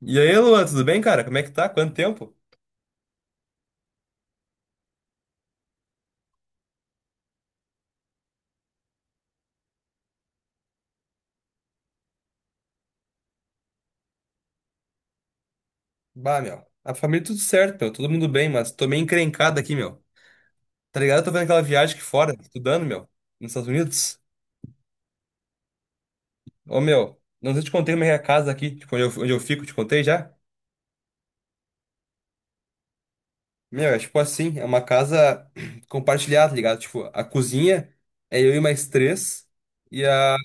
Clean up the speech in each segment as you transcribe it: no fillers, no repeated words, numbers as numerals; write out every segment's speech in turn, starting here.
E aí, Luan, tudo bem, cara? Como é que tá? Quanto tempo? Bah, meu. A família tudo certo, meu. Todo mundo bem, mas tô meio encrencado aqui, meu. Tá ligado? Eu tô vendo aquela viagem aqui fora, estudando, meu. Nos Estados Unidos. Ô, meu. Não sei se eu te contei como é a casa aqui, tipo, onde eu fico, te contei já? Meu, é tipo assim, é uma casa compartilhada, tá ligado? Tipo, a cozinha é eu e mais três e, a,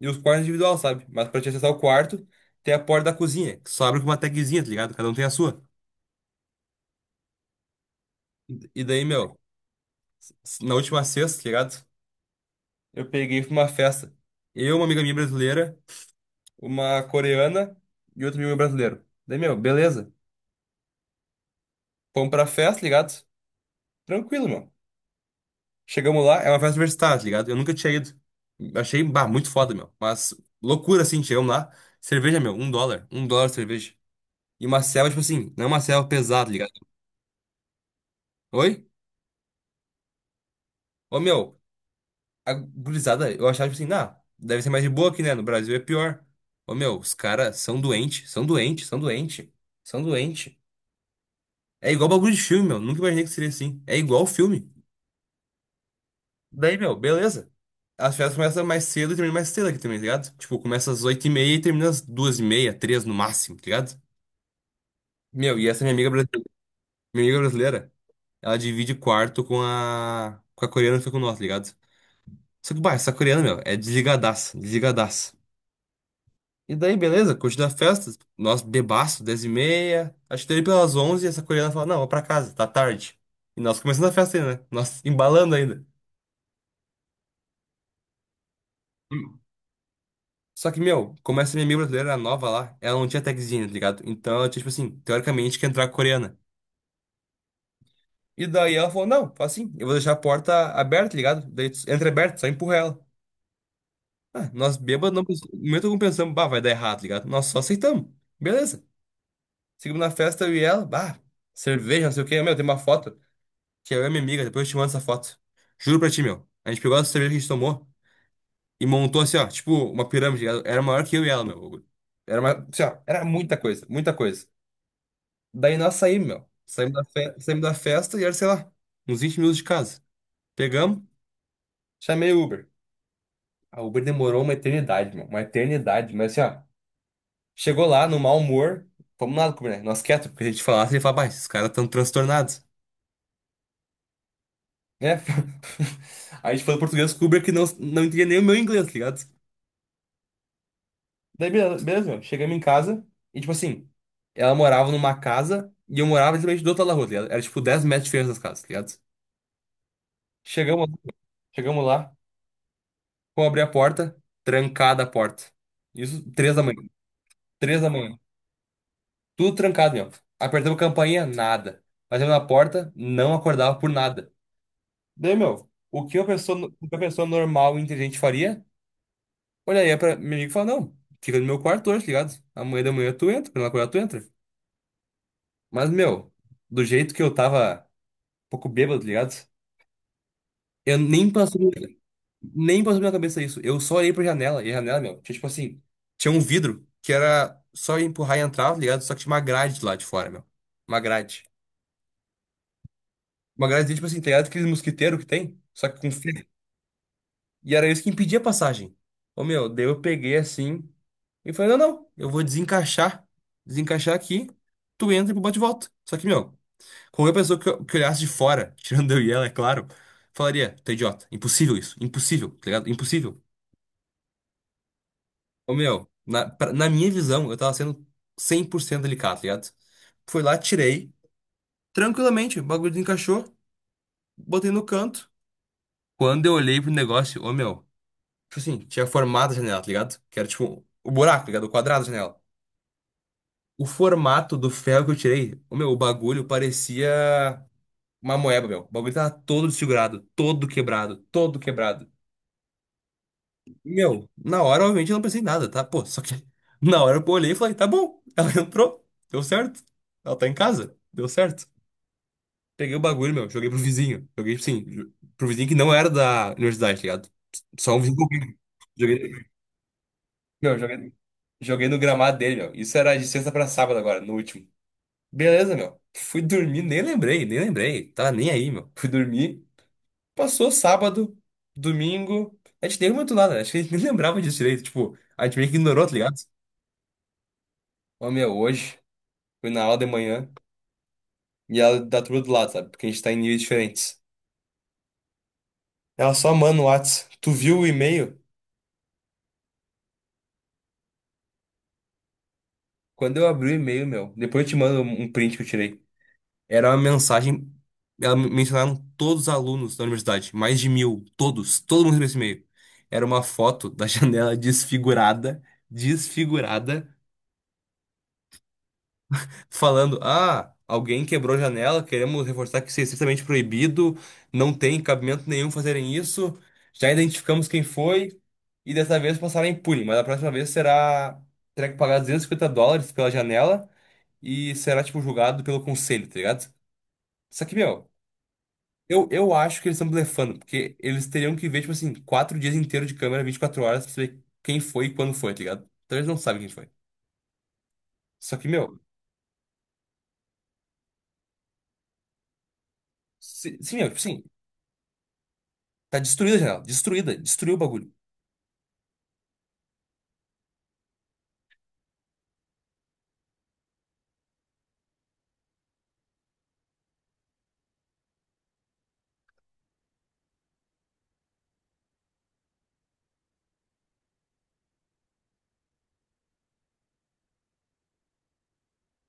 e os quartos individual, sabe? Mas pra te acessar o quarto, tem a porta da cozinha, que só abre com uma tagzinha, tá ligado? Cada um tem a sua. E daí, meu, na última sexta, tá ligado? Eu peguei pra uma festa. Eu, uma amiga minha brasileira, uma coreana e outro amigo meu brasileiro. Daí, meu, beleza. Fomos pra festa, ligado? Tranquilo, meu. Chegamos lá, é uma festa universitária, tá ligado? Eu nunca tinha ido. Achei, bah, muito foda, meu. Mas loucura, assim, chegamos lá. Cerveja, meu, US$ 1. US$ 1 de cerveja. E uma selva, tipo assim, não é uma selva pesada, tá ligado? Oi? Ô, meu, a gurizada, eu achava, tipo assim, ah, deve ser mais de boa aqui, né? No Brasil é pior. Ô, meu, os caras são doentes, são doentes, são doentes, são doentes. É igual bagulho de filme, meu. Nunca imaginei que seria assim. É igual filme. Daí, meu, beleza. As férias começam mais cedo e terminam mais cedo aqui também, tá ligado? Tipo, começa às 8h30 e termina às 2h30, 3 no máximo, tá ligado? Meu, e essa minha amiga brasileira, ela divide quarto com a coreana que foi com nós, tá ligado? Só que, bah, essa coreana, meu, é desligadaça, desligadaça. E daí, beleza, curtindo a festa, nós bebaço, 10h30. Acho que daí pelas 11 essa coreana fala, não, vou pra casa, tá tarde. E nós começando a festa ainda, né? Nós embalando ainda. Só que, meu, como essa minha amiga brasileira era nova lá, ela não tinha tagzinho, tá ligado? Então ela tinha, tipo assim, teoricamente que entrar com a coreana. E daí ela falou, não, faz assim, eu vou deixar a porta aberta, tá ligado? Daí tu entra aberto, só empurra ela. Ah, nós bêbados, não, no momento algum pensamos, bah, vai dar errado, tá ligado? Nós só aceitamos. Beleza. Seguimos na festa, eu e ela, bah, cerveja, não sei o quê. Meu, tem uma foto, que é eu e minha amiga, depois eu te mando essa foto. Juro pra ti, meu. A gente pegou essa cerveja que a gente tomou e montou assim, ó, tipo uma pirâmide, tá ligado? Era maior que eu e ela, meu. Era, uma, assim, ó, era muita coisa, muita coisa. Daí nós saímos, meu. Saímos da festa e era, sei lá, uns 20 minutos de casa. Pegamos, chamei o Uber. A Uber demorou uma eternidade, meu. Uma eternidade. Mas assim, ó, chegou lá no mau humor, fomos nada comer, né? Nós quietos, porque a gente falasse, ele falava, "Bah, esses caras estão transtornados". É. A gente falou português com o Uber que não, não entendia nem o meu inglês, tá ligado? Daí, beleza, beleza, meu. Chegamos em casa e, tipo assim, ela morava numa casa e eu morava literalmente do outro lado da rua, tá ligado? Era tipo 10 metros de diferença das casas, tá ligado? Chegamos, chegamos lá. Vou abrir a porta, trancada a porta. Isso, 3 da manhã. Três da manhã. Tudo trancado, meu. Apertamos a campainha, nada. Batemos na porta, não acordava por nada. Daí, meu, o que uma pessoa normal e inteligente faria? Olharia pra meu amigo e falaria, não, fica no meu quarto hoje, tá ligado? Amanhã da manhã tu entra, quando ela acordar tu entra. Mas, meu, do jeito que eu tava um pouco bêbado, tá ligado? Eu nem passou Nem passou pela minha cabeça isso. Eu só olhei pra janela, e a janela, meu, tinha tipo assim, tinha um vidro que era só empurrar e entrar, tá ligado? Só que tinha uma grade lá de fora, meu. Uma grade. Uma grade, tipo assim, tá ligado? Aquele mosquiteiro que tem, só que com ferro. E era isso que impedia a passagem. Ô, meu, daí eu peguei assim e falei, não, não, eu vou desencaixar. Desencaixar aqui, tu entra e bate e volta. Só que, meu, qualquer pessoa que olhasse de fora, tirando eu e ela, é claro, falaria, tu é idiota. Impossível isso, impossível, tá ligado? Impossível. Ô, meu, na minha visão, eu tava sendo 100% delicado, tá ligado? Fui lá, tirei, tranquilamente, o bagulho encaixou, botei no canto. Quando eu olhei pro negócio, ô, meu, tipo assim, tinha formado a janela, tá ligado? Que era tipo o buraco, tá ligado? O quadrado da janela. O formato do ferro que eu tirei, o meu, o bagulho parecia uma moeba, meu. O bagulho tava todo desfigurado, todo quebrado, todo quebrado. Meu, na hora, obviamente, eu não pensei em nada, tá? Pô, só que na hora eu olhei e falei, tá bom. Ela entrou, deu certo. Ela tá em casa, deu certo. Peguei o bagulho, meu, joguei pro vizinho. Joguei, sim, pro vizinho que não era da universidade, tá ligado? Só um vizinho. Qualquer. Joguei, meu, joguei, joguei no gramado dele, meu. Isso era de sexta pra sábado agora, no último. Beleza, meu. Fui dormir, nem lembrei, nem lembrei. Tava nem aí, meu. Fui dormir. Passou sábado, domingo. A gente nem comentou nada, né? Acho que a gente nem lembrava disso direito. Tipo, a gente meio que ignorou, tá ligado? Ô, meu, hoje fui na aula de manhã e ela dá tudo do lado, sabe? Porque a gente tá em níveis diferentes. Ela só manda o Whats. Tu viu o e-mail? Quando eu abri o e-mail, meu, depois eu te mando um print que eu tirei. Era uma mensagem. Mencionaram todos os alunos da universidade, mais de 1.000, todos, todo mundo recebeu esse e-mail. Era uma foto da janela desfigurada, desfigurada. Falando: ah, alguém quebrou a janela, queremos reforçar que isso é estritamente proibido, não tem cabimento nenhum fazerem isso, já identificamos quem foi e dessa vez passará impune, mas a próxima vez será terá que pagar 250 dólares pela janela e será, tipo, julgado pelo conselho, tá ligado? Só que, meu. Eu acho que eles estão blefando, porque eles teriam que ver, tipo assim, 4 dias inteiros de câmera, 24 horas, pra saber quem foi e quando foi, tá ligado? Então eles não sabem quem foi. Só que, meu, se, meu, tipo assim, tá destruída a janela. Destruída. Destruiu o bagulho.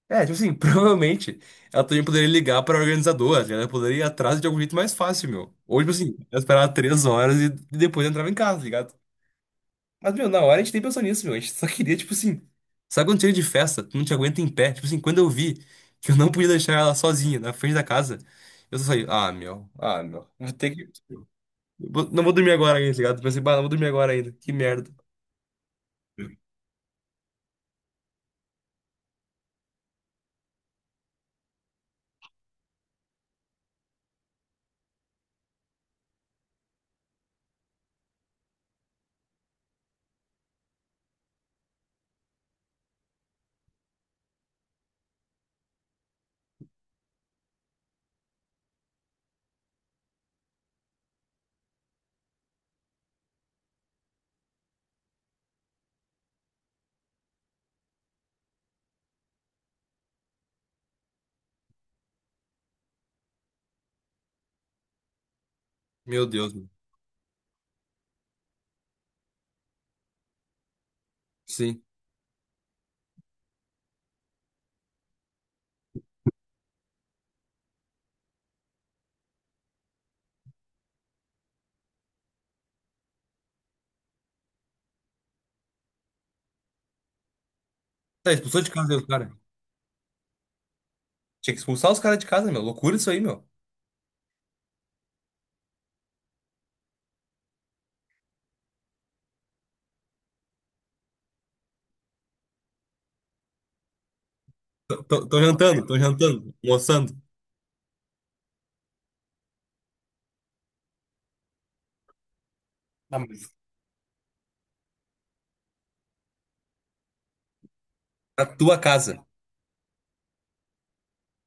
É, tipo assim, provavelmente ela também poderia ligar pra organizadora, ela poderia ir atrás de algum jeito mais fácil, meu. Ou, tipo assim, ela esperava 3 horas e depois entrava em casa, tá ligado? Mas, meu, na hora a gente nem pensou nisso, meu. A gente só queria, tipo assim. Sabe quando chega de festa, tu não te aguenta em pé? Tipo assim, quando eu vi que eu não podia deixar ela sozinha na frente da casa, eu só falei, ah, meu, vou ter que. Não vou dormir agora ainda, tá ligado? Pensei, bah, não vou dormir agora ainda, que merda. Meu Deus, meu. Sim. Tá, expulsou de casa, o cara. Tinha que expulsar os caras de casa, meu. Loucura isso aí, meu. Tô jantando, almoçando. Ah, mas na tua casa.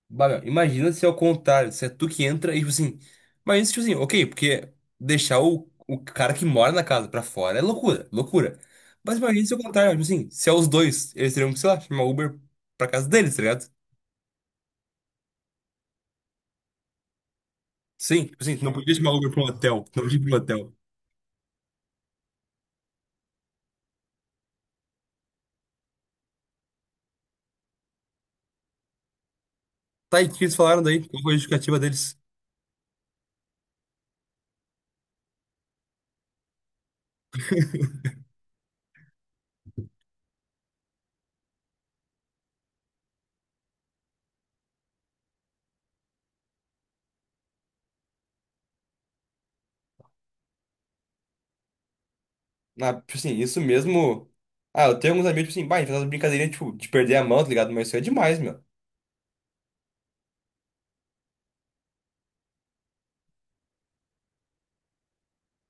Bah, meu, imagina se é o contrário, se é tu que entra e, tipo assim. Imagina se, tipo assim, ok, porque deixar o cara que mora na casa pra fora é loucura, loucura. Mas imagina se é o contrário, tipo assim, se é os dois, eles teriam que, sei lá, chamar Uber pra casa deles, tá ligado? Sim, tipo assim, tu não podia chamar Uber pra um hotel, tu não podia ir pra um hotel. Tá, e o que eles falaram daí? Qual foi a justificativa deles? Ah, tipo assim, isso mesmo. Ah, eu tenho alguns amigos, tipo assim, bah, a gente faz umas brincadeirinhas, tipo, de perder a mão, tá ligado? Mas isso é demais, meu.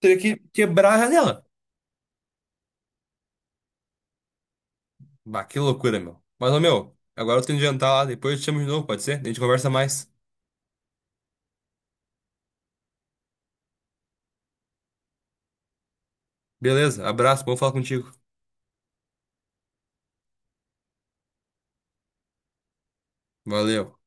Teria que quebrar a janela. Bah, que loucura, meu. Mas, ô, meu, agora eu tenho que jantar lá, depois eu te chamo de novo, pode ser? A gente conversa mais. Beleza, abraço, bom falar contigo. Valeu.